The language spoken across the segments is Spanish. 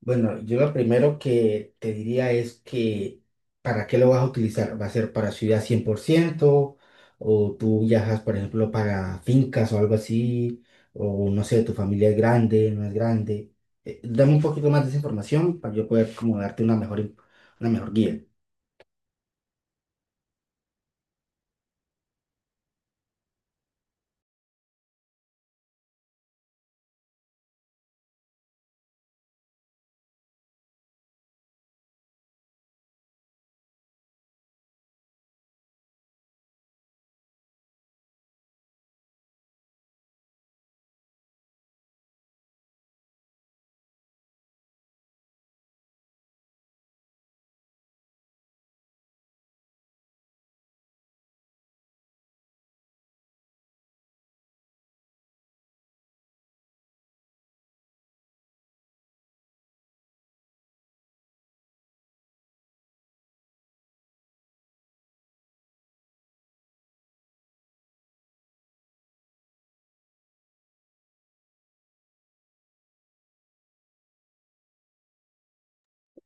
Bueno, yo lo primero que te diría es que, ¿para qué lo vas a utilizar? ¿Va a ser para ciudad 100%? ¿O tú viajas, por ejemplo, para fincas o algo así? ¿O no sé, tu familia es grande, no es grande? Dame un poquito más de esa información para yo poder como darte una mejor guía.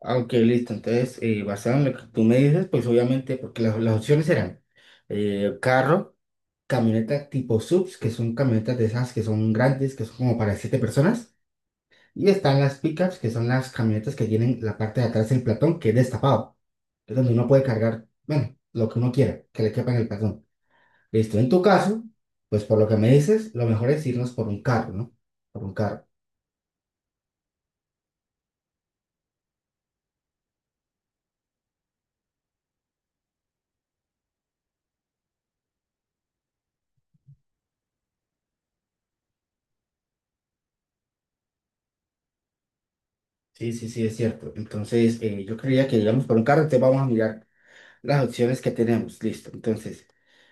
Aunque listo, entonces, basado en lo que tú me dices, pues obviamente, porque las opciones eran carro, camioneta tipo SUVs, que son camionetas de esas que son grandes, que son como para siete personas. Y están las pickups, que son las camionetas que tienen la parte de atrás del platón, que es destapado. Es donde uno puede cargar, bueno, lo que uno quiera, que le quepa en el platón. Listo, en tu caso, pues por lo que me dices, lo mejor es irnos por un carro, ¿no? Por un carro. Sí, sí, sí, es cierto. Entonces, yo creía que íbamos por un carro, entonces vamos a mirar las opciones que tenemos. Listo. Entonces,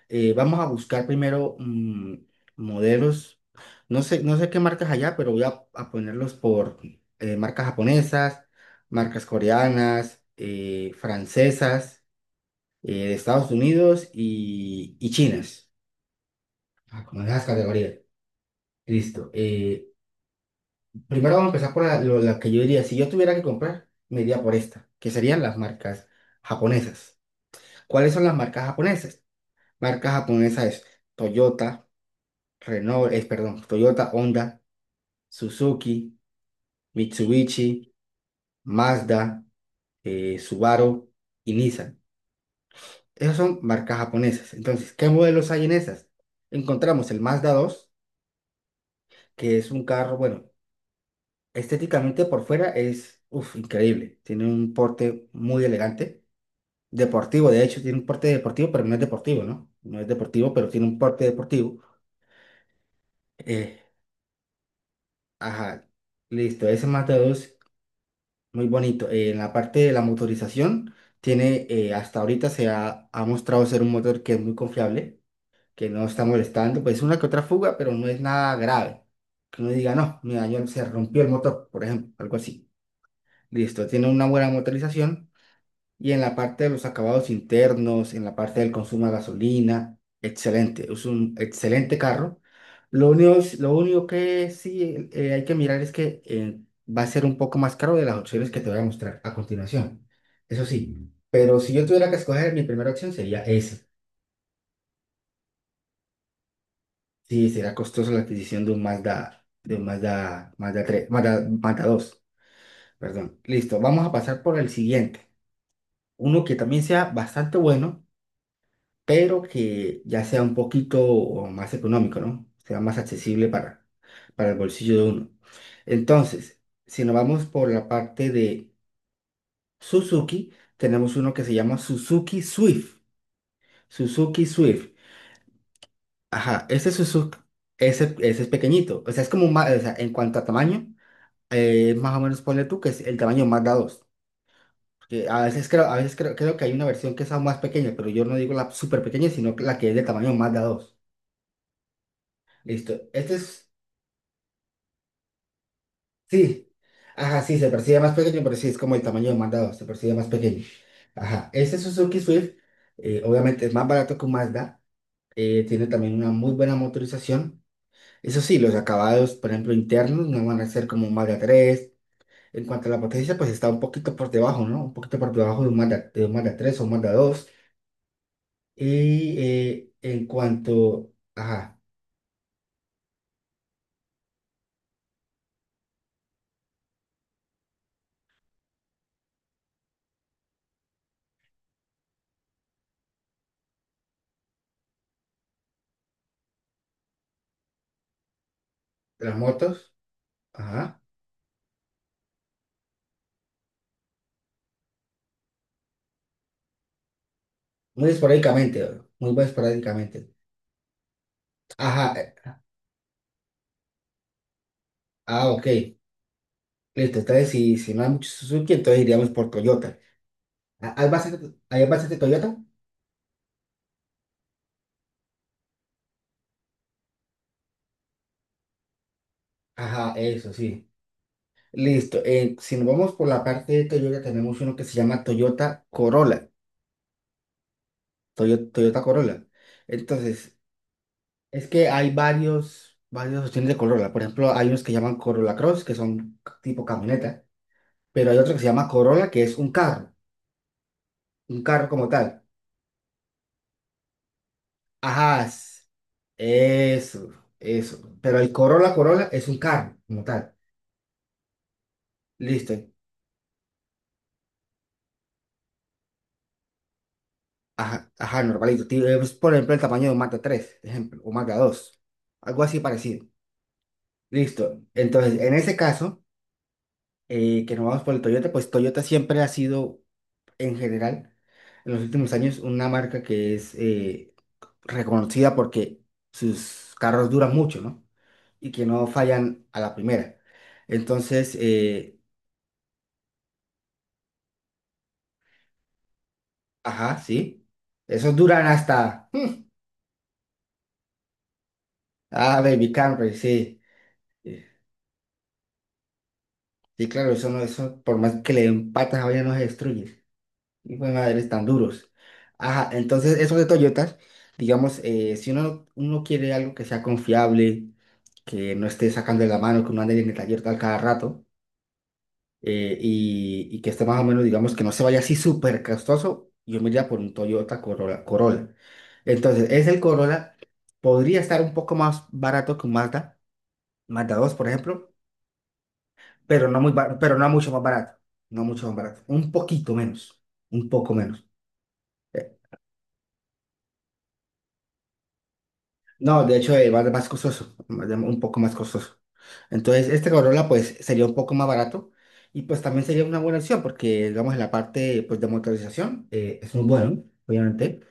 vamos a buscar primero modelos. No sé qué marcas allá, pero voy a ponerlos por marcas japonesas, marcas coreanas, francesas, de Estados Unidos y chinas. Ah, como esas categorías. Listo. Primero vamos a empezar por la que yo diría, si yo tuviera que comprar, me iría por esta, que serían las marcas japonesas. ¿Cuáles son las marcas japonesas? Marcas japonesas es Toyota, Renault, es perdón, Toyota, Honda, Suzuki, Mitsubishi, Mazda, Subaru y Nissan. Esas son marcas japonesas. Entonces, ¿qué modelos hay en esas? Encontramos el Mazda 2, que es un carro, bueno, estéticamente por fuera es, uf, increíble. Tiene un porte muy elegante, deportivo, de hecho, tiene un porte deportivo, pero no es deportivo, ¿no? No es deportivo, pero tiene un porte deportivo. Eh, ajá, listo, ese Mazda 2. Muy bonito. En la parte de la motorización, tiene, hasta ahorita se ha mostrado ser un motor que es muy confiable, que no está molestando, pues una que otra fuga, pero no es nada grave. Que uno diga, no, me dañó, se rompió el motor, por ejemplo, algo así. Listo, tiene una buena motorización. Y en la parte de los acabados internos, en la parte del consumo de gasolina, excelente. Es un excelente carro. Lo único que sí hay que mirar es que va a ser un poco más caro de las opciones que te voy a mostrar a continuación. Eso sí, pero si yo tuviera que escoger, mi primera opción sería esa. Sí, será costoso la adquisición de un Mazda, Mazda 3, Mazda, Mazda dos perdón. Listo, vamos a pasar por el siguiente. Uno que también sea bastante bueno pero que ya sea un poquito o más económico, ¿no? Sea más accesible para el bolsillo de uno. Entonces, si nos vamos por la parte de Suzuki, tenemos uno que se llama Suzuki Swift. Suzuki Swift. Ajá, ese Suzuki, ese es pequeñito. O sea, es como más, o sea, en cuanto a tamaño, más o menos ponle tú que es el tamaño Mazda 2. Que creo que hay una versión que es aún más pequeña, pero yo no digo la súper pequeña, sino que la que es de tamaño Mazda 2. Listo. Este es Sí, ajá, sí, se percibe más pequeño, pero sí, es como el tamaño demandado, se percibe más pequeño. Ajá, este Suzuki Swift, obviamente es más barato que un Mazda, tiene también una muy buena motorización. Eso sí, los acabados, por ejemplo, internos no van a ser como un Mazda 3. En cuanto a la potencia, pues está un poquito por debajo, ¿no? Un poquito por debajo de un Mazda, de un Mazda 3 o un Mazda 2. Y en cuanto, ajá, las motos, ajá, muy esporádicamente, muy esporádicamente. Ajá, ah, ok. Listo, entonces si no hay mucho Suzuki, entonces iríamos por Toyota. Ah, ¿hay bases de Toyota? Ajá, eso sí. Listo. Si nos vamos por la parte de Toyota, tenemos uno que se llama Toyota Corolla. Toyota, Corolla. Entonces, es que hay varios opciones de Corolla. Por ejemplo, hay unos que llaman Corolla Cross, que son tipo camioneta. Pero hay otro que se llama Corolla, que es un carro. Un carro como tal. Ajá, eso, eso. Pero el Corolla Corolla es un carro como tal. Listo. Ajá, ajá, normalito. Pues, por ejemplo, el tamaño de un Mazda 3 ejemplo, o Mazda 2 algo así parecido. Listo. Entonces, en ese caso, que nos vamos por el Toyota, pues Toyota siempre ha sido, en general, en los últimos años, una marca que es reconocida porque sus carros duran mucho, ¿no? Y que no fallan a la primera. Entonces, ajá, sí. Esos duran hasta... Ah, Baby Camry, sí. Sí, claro, eso no, eso, por más que le den patas a no se destruye. Y pues madres tan duros. Ajá, entonces eso de Toyotas, digamos, si uno quiere algo que sea confiable, que no esté sacando de la mano, que uno ande en el taller tal cada rato, y que esté más o menos, digamos, que no se vaya así súper costoso, yo me iría por un Toyota Corolla, Corolla. Entonces, es el Corolla, podría estar un poco más barato que un Mazda, Mazda 2, por ejemplo, pero no pero no mucho más barato, un poquito menos, un poco menos. Eh, no, de hecho, va a ser más costoso, un poco más costoso. Entonces, este Corolla, pues, sería un poco más barato y, pues, también sería una buena opción porque, digamos, en la parte, pues, de motorización es muy bueno, obviamente,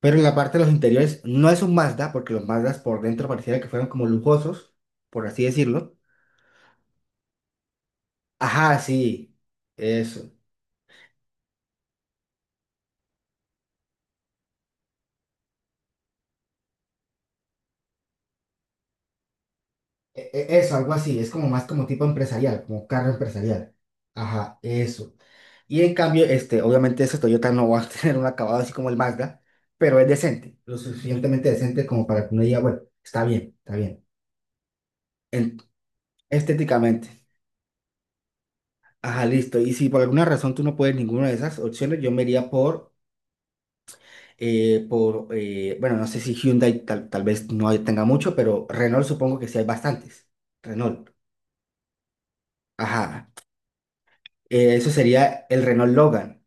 pero en la parte de los interiores no es un Mazda porque los Mazdas por dentro pareciera que fueran como lujosos, por así decirlo. Ajá, sí, eso. Eso, algo así, es como más como tipo empresarial, como carro empresarial. Ajá, eso. Y en cambio, este, obviamente ese Toyota no va a tener un acabado así como el Mazda, pero es decente, lo suficientemente decente como para que uno diga, bueno, está bien, En- estéticamente. Ajá, listo. Y si por alguna razón tú no puedes ninguna de esas opciones, yo me iría por, bueno, no sé si Hyundai tal vez no hay- tenga mucho, pero Renault supongo que sí hay bastantes. Renault. Ajá. Eso sería el Renault Logan.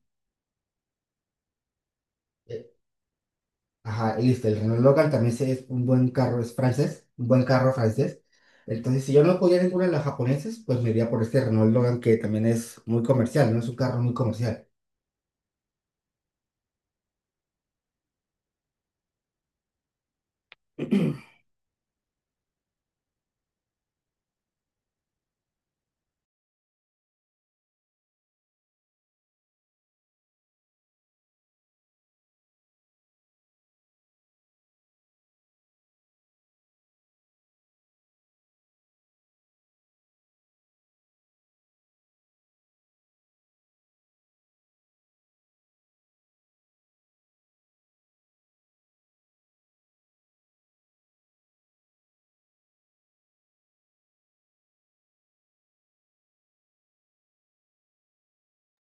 Ajá, y listo, el Renault Logan también es un buen carro, es francés, un buen carro francés. Entonces, si yo no podía ninguna de las japonesas, pues me iría por este Renault Logan que también es muy comercial, ¿no? Es un carro muy comercial.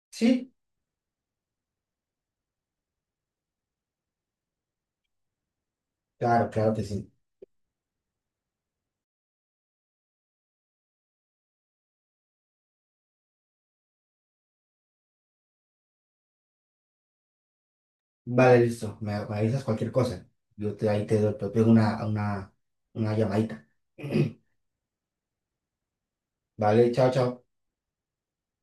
Sí, claro, claro que sí. Vale, listo, me avisas cualquier cosa. Yo te, ahí te, doy- Te pego una llamadita. Vale, chao, chao.